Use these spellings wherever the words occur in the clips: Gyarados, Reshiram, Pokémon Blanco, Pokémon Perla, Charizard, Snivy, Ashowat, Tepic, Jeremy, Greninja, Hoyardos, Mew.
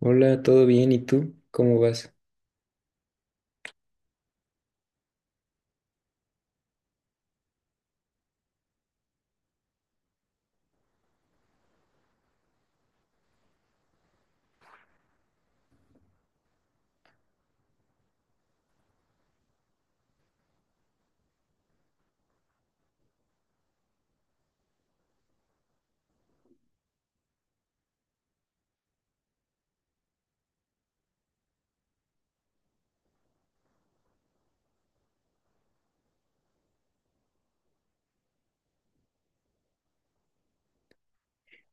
Hola, ¿todo bien? ¿Y tú? ¿Cómo vas?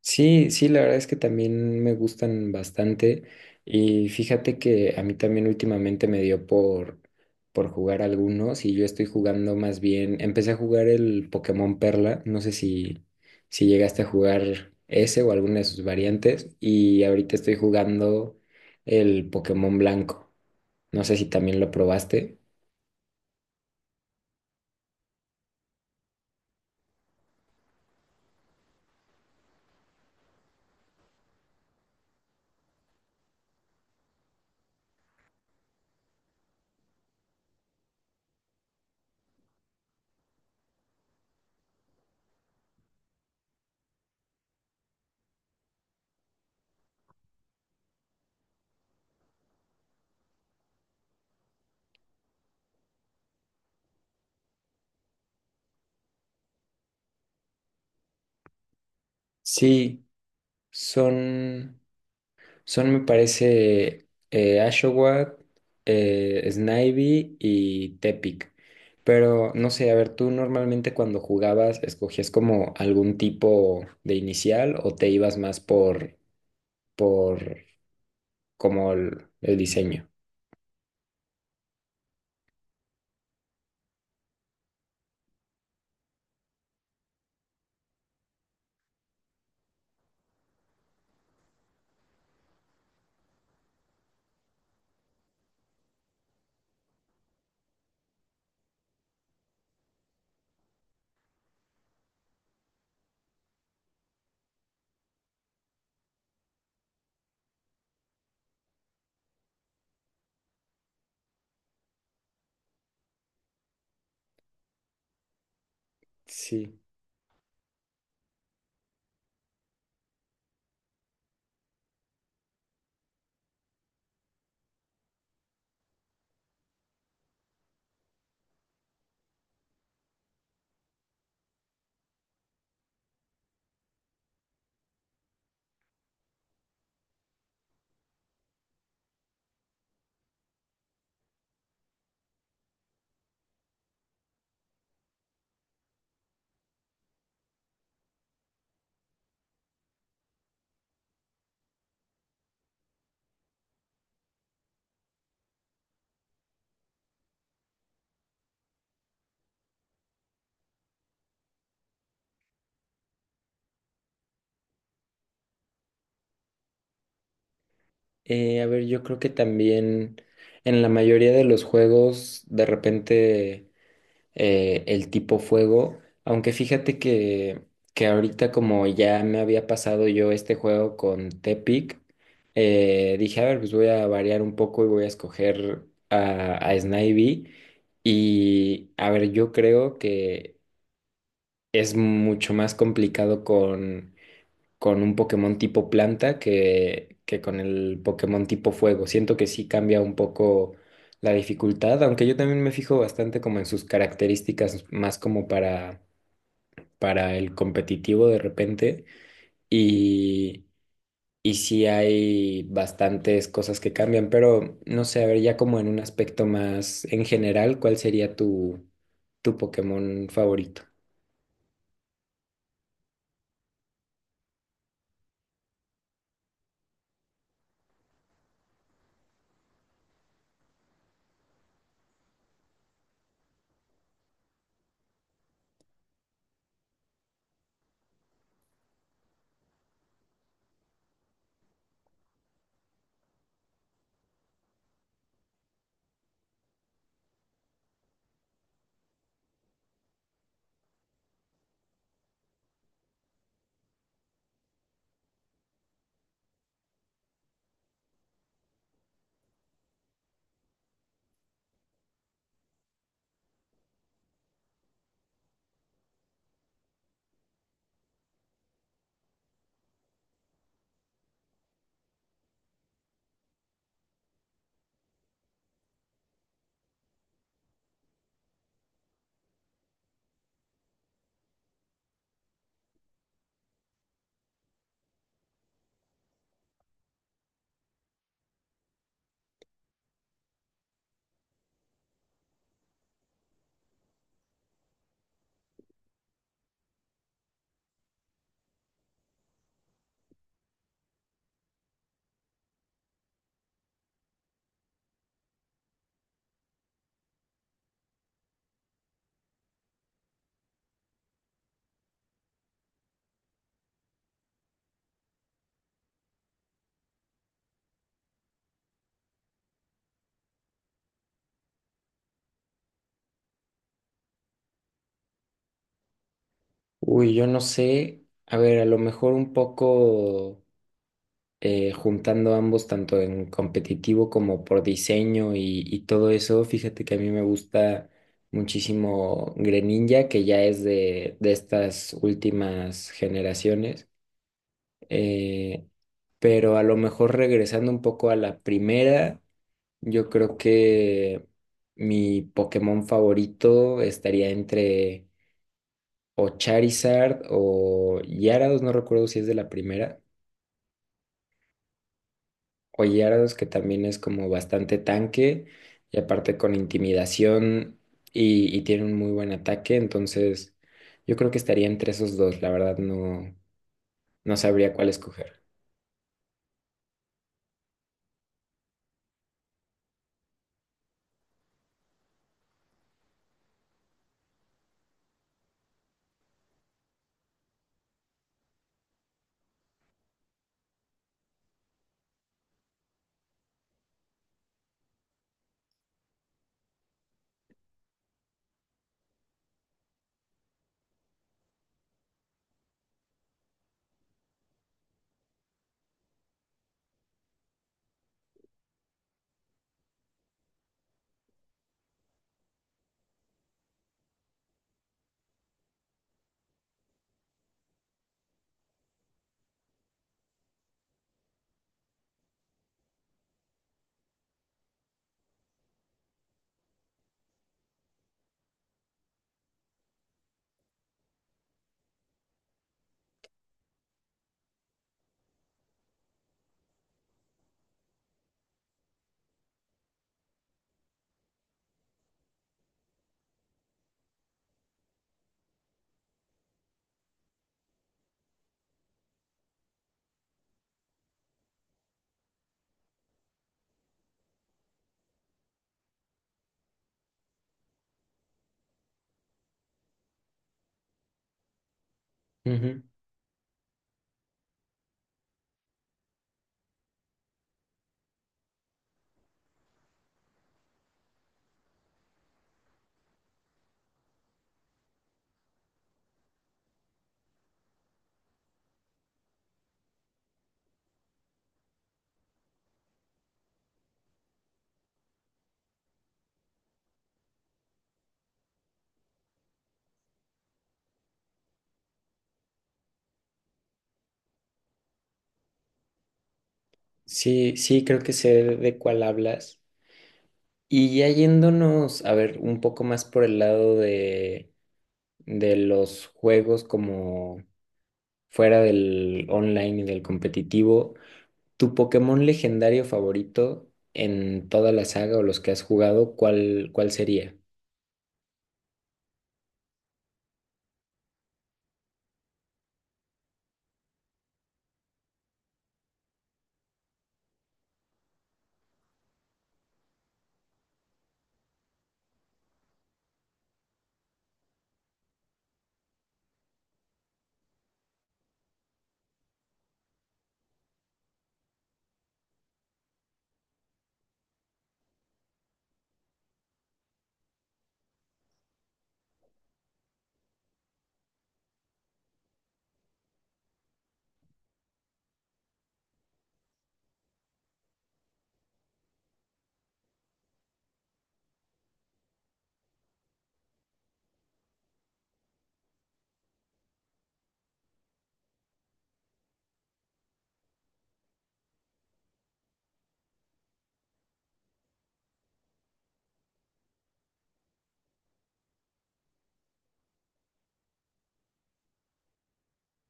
Sí, sí, la verdad es que también me gustan bastante y fíjate que a mí también últimamente me dio por jugar algunos y yo estoy jugando más bien, empecé a jugar el Pokémon Perla, no sé si llegaste a jugar ese o alguna de sus variantes, y ahorita estoy jugando el Pokémon Blanco, no sé si también lo probaste. Sí, son... Son, me parece, Ashowat, Snivy y Tepic. Pero no sé, a ver, tú normalmente cuando jugabas, ¿escogías como algún tipo de inicial o te ibas más por como el diseño? Sí. A ver, yo creo que también en la mayoría de los juegos, de repente, el tipo fuego, aunque fíjate que ahorita, como ya me había pasado yo este juego con Tepic, dije, a ver, pues voy a variar un poco y voy a escoger a Snivy. Y a ver, yo creo que es mucho más complicado con un Pokémon tipo planta que con el Pokémon tipo fuego. Siento que sí cambia un poco la dificultad, aunque yo también me fijo bastante como en sus características, más como para el competitivo de repente. Y, y sí hay bastantes cosas que cambian, pero no sé, a ver, ya como en un aspecto más en general, ¿cuál sería tu, tu Pokémon favorito? Uy, yo no sé. A ver, a lo mejor un poco juntando ambos, tanto en competitivo como por diseño, y todo eso. Fíjate que a mí me gusta muchísimo Greninja, que ya es de estas últimas generaciones. Eh, pero a lo mejor regresando un poco a la primera, yo creo que mi Pokémon favorito estaría entre o Charizard o Gyarados, no recuerdo si es de la primera. Hoyardos, que también es como bastante tanque y aparte con intimidación y tiene un muy buen ataque, entonces yo creo que estaría entre esos dos, la verdad no, no sabría cuál escoger. Ujú. Sí, sí, creo que sé de cuál hablas. Y ya yéndonos, a ver, un poco más por el lado de los juegos como fuera del online y del competitivo. ¿Tu Pokémon legendario favorito en toda la saga o los que has jugado, cuál, cuál sería?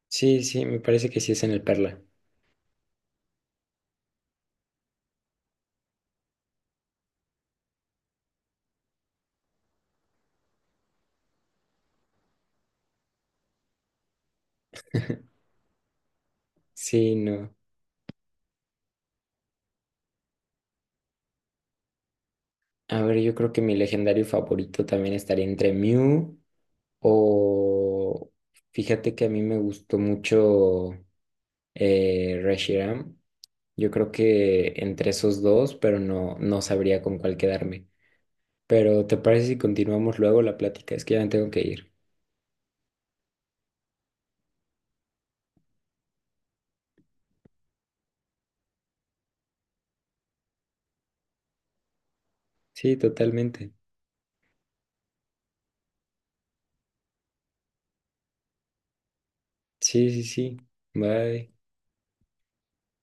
Sí, sí, me parece que sí es en el Perla. Sí, no. A ver, yo creo que mi legendario favorito también estaría entre Mew o... Fíjate que a mí me gustó mucho Reshiram. Yo creo que entre esos dos, pero no, no sabría con cuál quedarme. Pero ¿te parece si continuamos luego la plática? Es que ya me tengo que ir. Sí, totalmente. Sí, sí, sí. Bye.